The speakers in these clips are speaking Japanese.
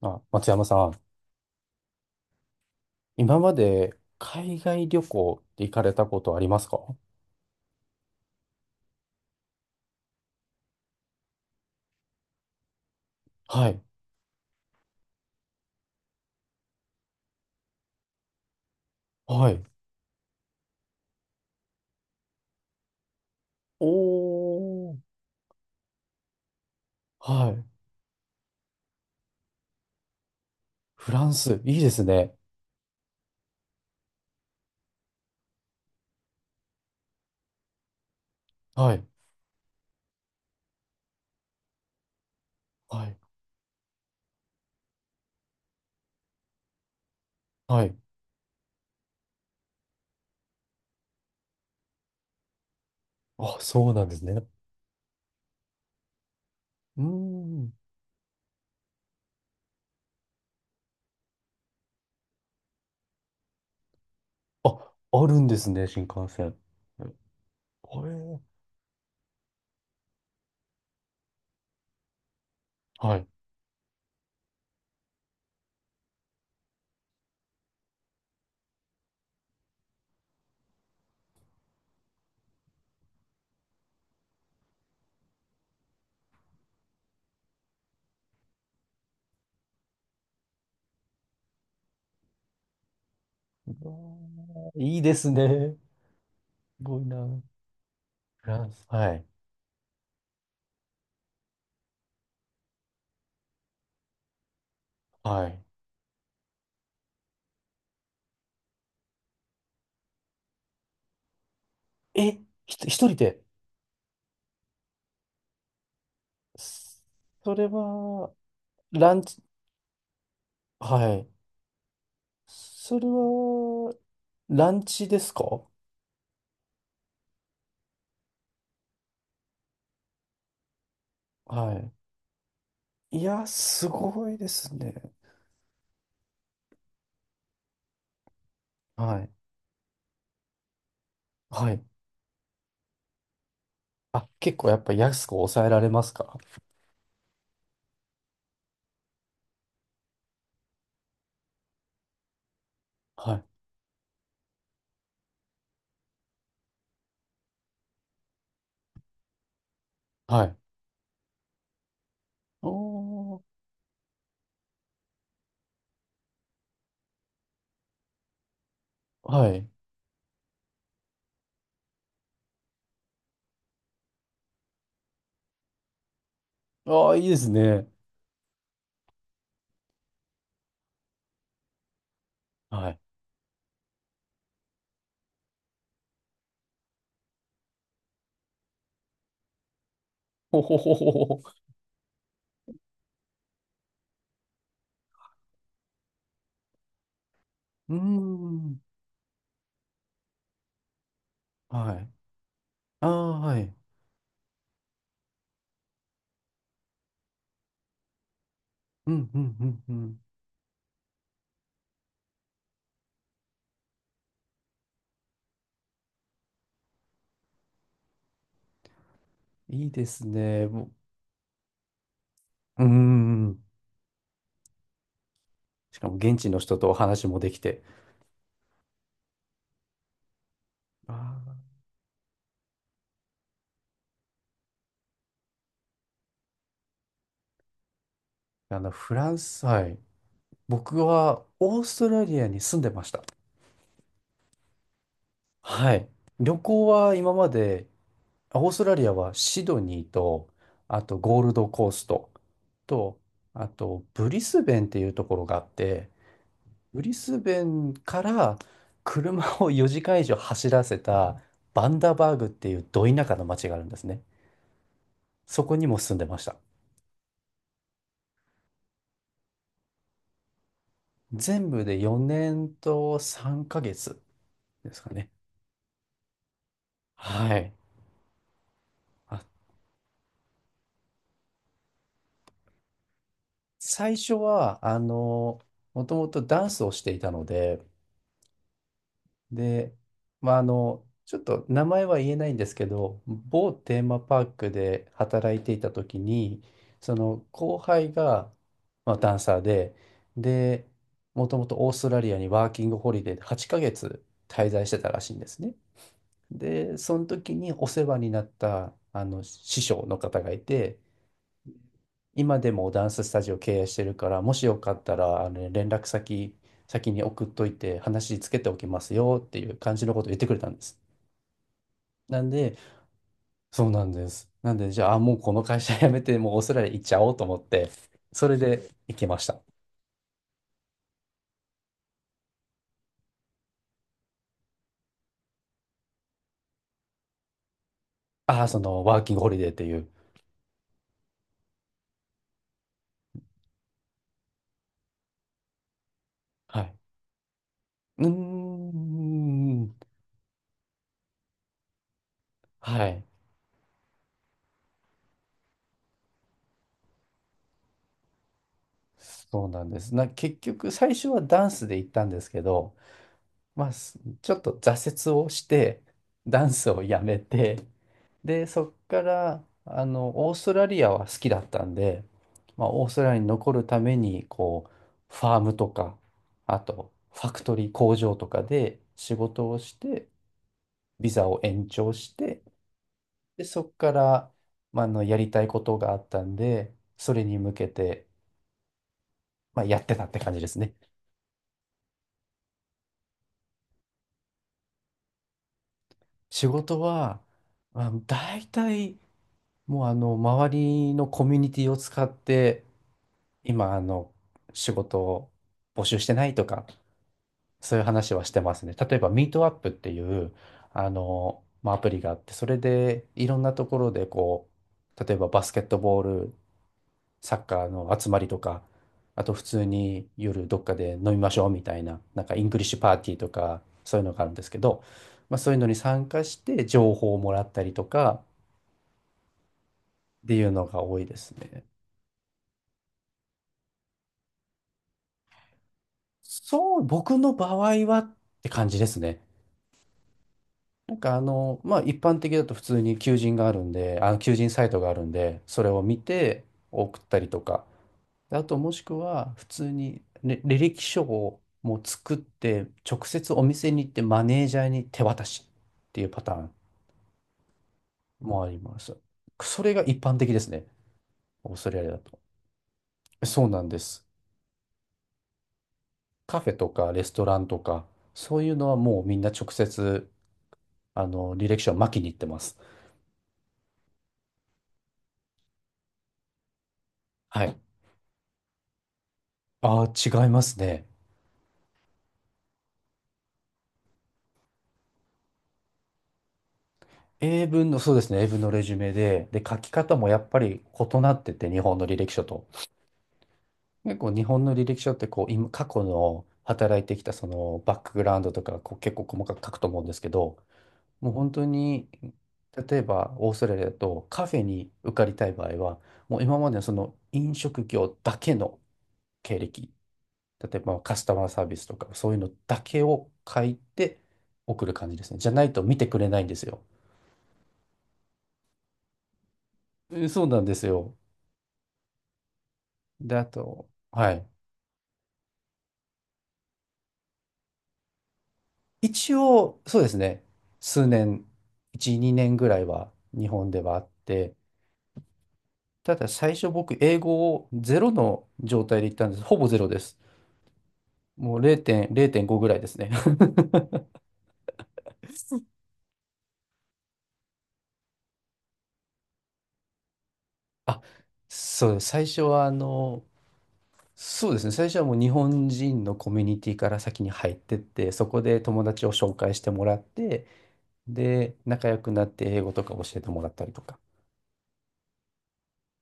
あ、松山さん、今まで海外旅行って行かれたことありますか？はい。はい。おー。はい。フランス、いいですね。はい。はい。はい。あ、そうなんですね。うーん。あ、あるんですね、新幹線。はい。はい。うわー、いいですね。すごいな。フランス。はい。はい。え、一人で。それは、ランチ、はい。それは、ランチですか？はい。いや、すごいですね。はい。はい。あ、結構やっぱ安く抑えられますか？はい。はい。おー。はい。ああ、いいですね。はい。ほほほほほ。うーん。はい。ああ、はい。うん、うん、うん、うん。いいですね。もう、うーん。しかも現地の人とお話もできて。ああ、あの、フランス、はい。僕はオーストラリアに住んでました。はい。旅行は今まで、オーストラリアはシドニーと、あとゴールドコーストと、あとブリスベンっていうところがあって、ブリスベンから車を4時間以上走らせたバンダバーグっていうど田舎の町があるんですね。そこにも住んでました。全部で4年と3ヶ月ですかね。はい。あ最初は、もともとダンスをしていたので、で、まあ、ちょっと名前は言えないんですけど、某テーマパークで働いていた時に、その後輩が、まあ、ダンサーで、もともとオーストラリアにワーキングホリデーで8ヶ月滞在してたらしいんですね。で、その時にお世話になったあの師匠の方がいて、今でもダンススタジオ経営してるから、もしよかったらあの連絡先先に送っといて話つけておきますよっていう感じのことを言ってくれたんです。なんで、そうなんです。なんで、じゃあ、もうこの会社辞めて、もうオーストラリア行っちゃおうと思って、それで行きました。ああ、その、ワーキングホリデーっていう。はい。うーん。はい。そうなんです。結局、最初はダンスで行ったんですけど、まあ、ちょっと挫折をして、ダンスをやめて、で、そっから、オーストラリアは好きだったんで、まあ、オーストラリアに残るために、こう、ファームとか、あと、ファクトリー工場とかで仕事をして、ビザを延長して、で、そっから、まあ、やりたいことがあったんで、それに向けて、まあ、やってたって感じですね。仕事は、まあ、大体もう周りのコミュニティを使って、今、仕事を募集してないとか、そういう話はしてますね。例えば、ミートアップっていう、まあ、アプリがあって、それでいろんなところで、こう、例えばバスケットボール、サッカーの集まりとか、あと普通に夜どっかで飲みましょうみたいな、なんかイングリッシュパーティーとか、そういうのがあるんですけど、まあ、そういうのに参加して情報をもらったりとかっていうのが多いですね。そう、僕の場合はって感じですね。なんかまあ一般的だと普通に求人があるんで、あの求人サイトがあるんで、それを見て送ったりとか、あともしくは普通に履歴書をもう作って直接お店に行ってマネージャーに手渡しっていうパターンもあります。それが一般的ですね。オーストラリアだと。そうなんです。カフェとかレストランとか、そういうのはもうみんな直接あの履歴書を巻きに行ってます。はい。ああ、違いますね。英文の、そうですね、英文のレジュメで、書き方もやっぱり異なってて、日本の履歴書と。結構日本の履歴書ってこう、今、過去の働いてきたそのバックグラウンドとかこう結構細かく書くと思うんですけど、もう本当に、例えばオーストラリアだとカフェに受かりたい場合は、もう今までのその飲食業だけの経歴、例えばカスタマーサービスとかそういうのだけを書いて送る感じですね。じゃないと見てくれないんですよ。そうなんですよ。で、あと、はい。一応、そうですね。数年、1、2年ぐらいは日本ではあって、ただ最初僕、英語をゼロの状態で行ったんです。ほぼゼロです。もう0.0 0.5ぐらいですね。あ、そうです。最初は、そうですね。最初はもう日本人のコミュニティから先に入ってって、そこで友達を紹介してもらって、で、仲良くなって英語とか教えてもらったりとか、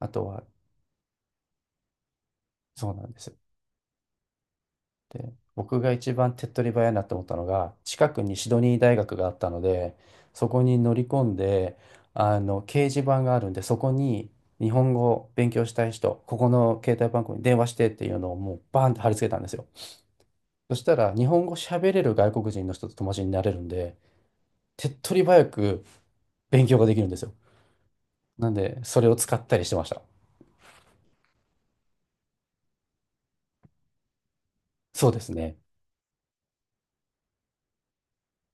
あとは、そうなんです。で、僕が一番手っ取り早いなって思ったのが、近くにシドニー大学があったので、そこに乗り込んで、掲示板があるんで、そこに日本語を勉強したい人、ここの携帯番号に電話してっていうのをもうバーンって貼り付けたんですよ。そしたら、日本語喋れる外国人の人と友達になれるんで、手っ取り早く勉強ができるんですよ。なんで、それを使ったりしてました。そうですね。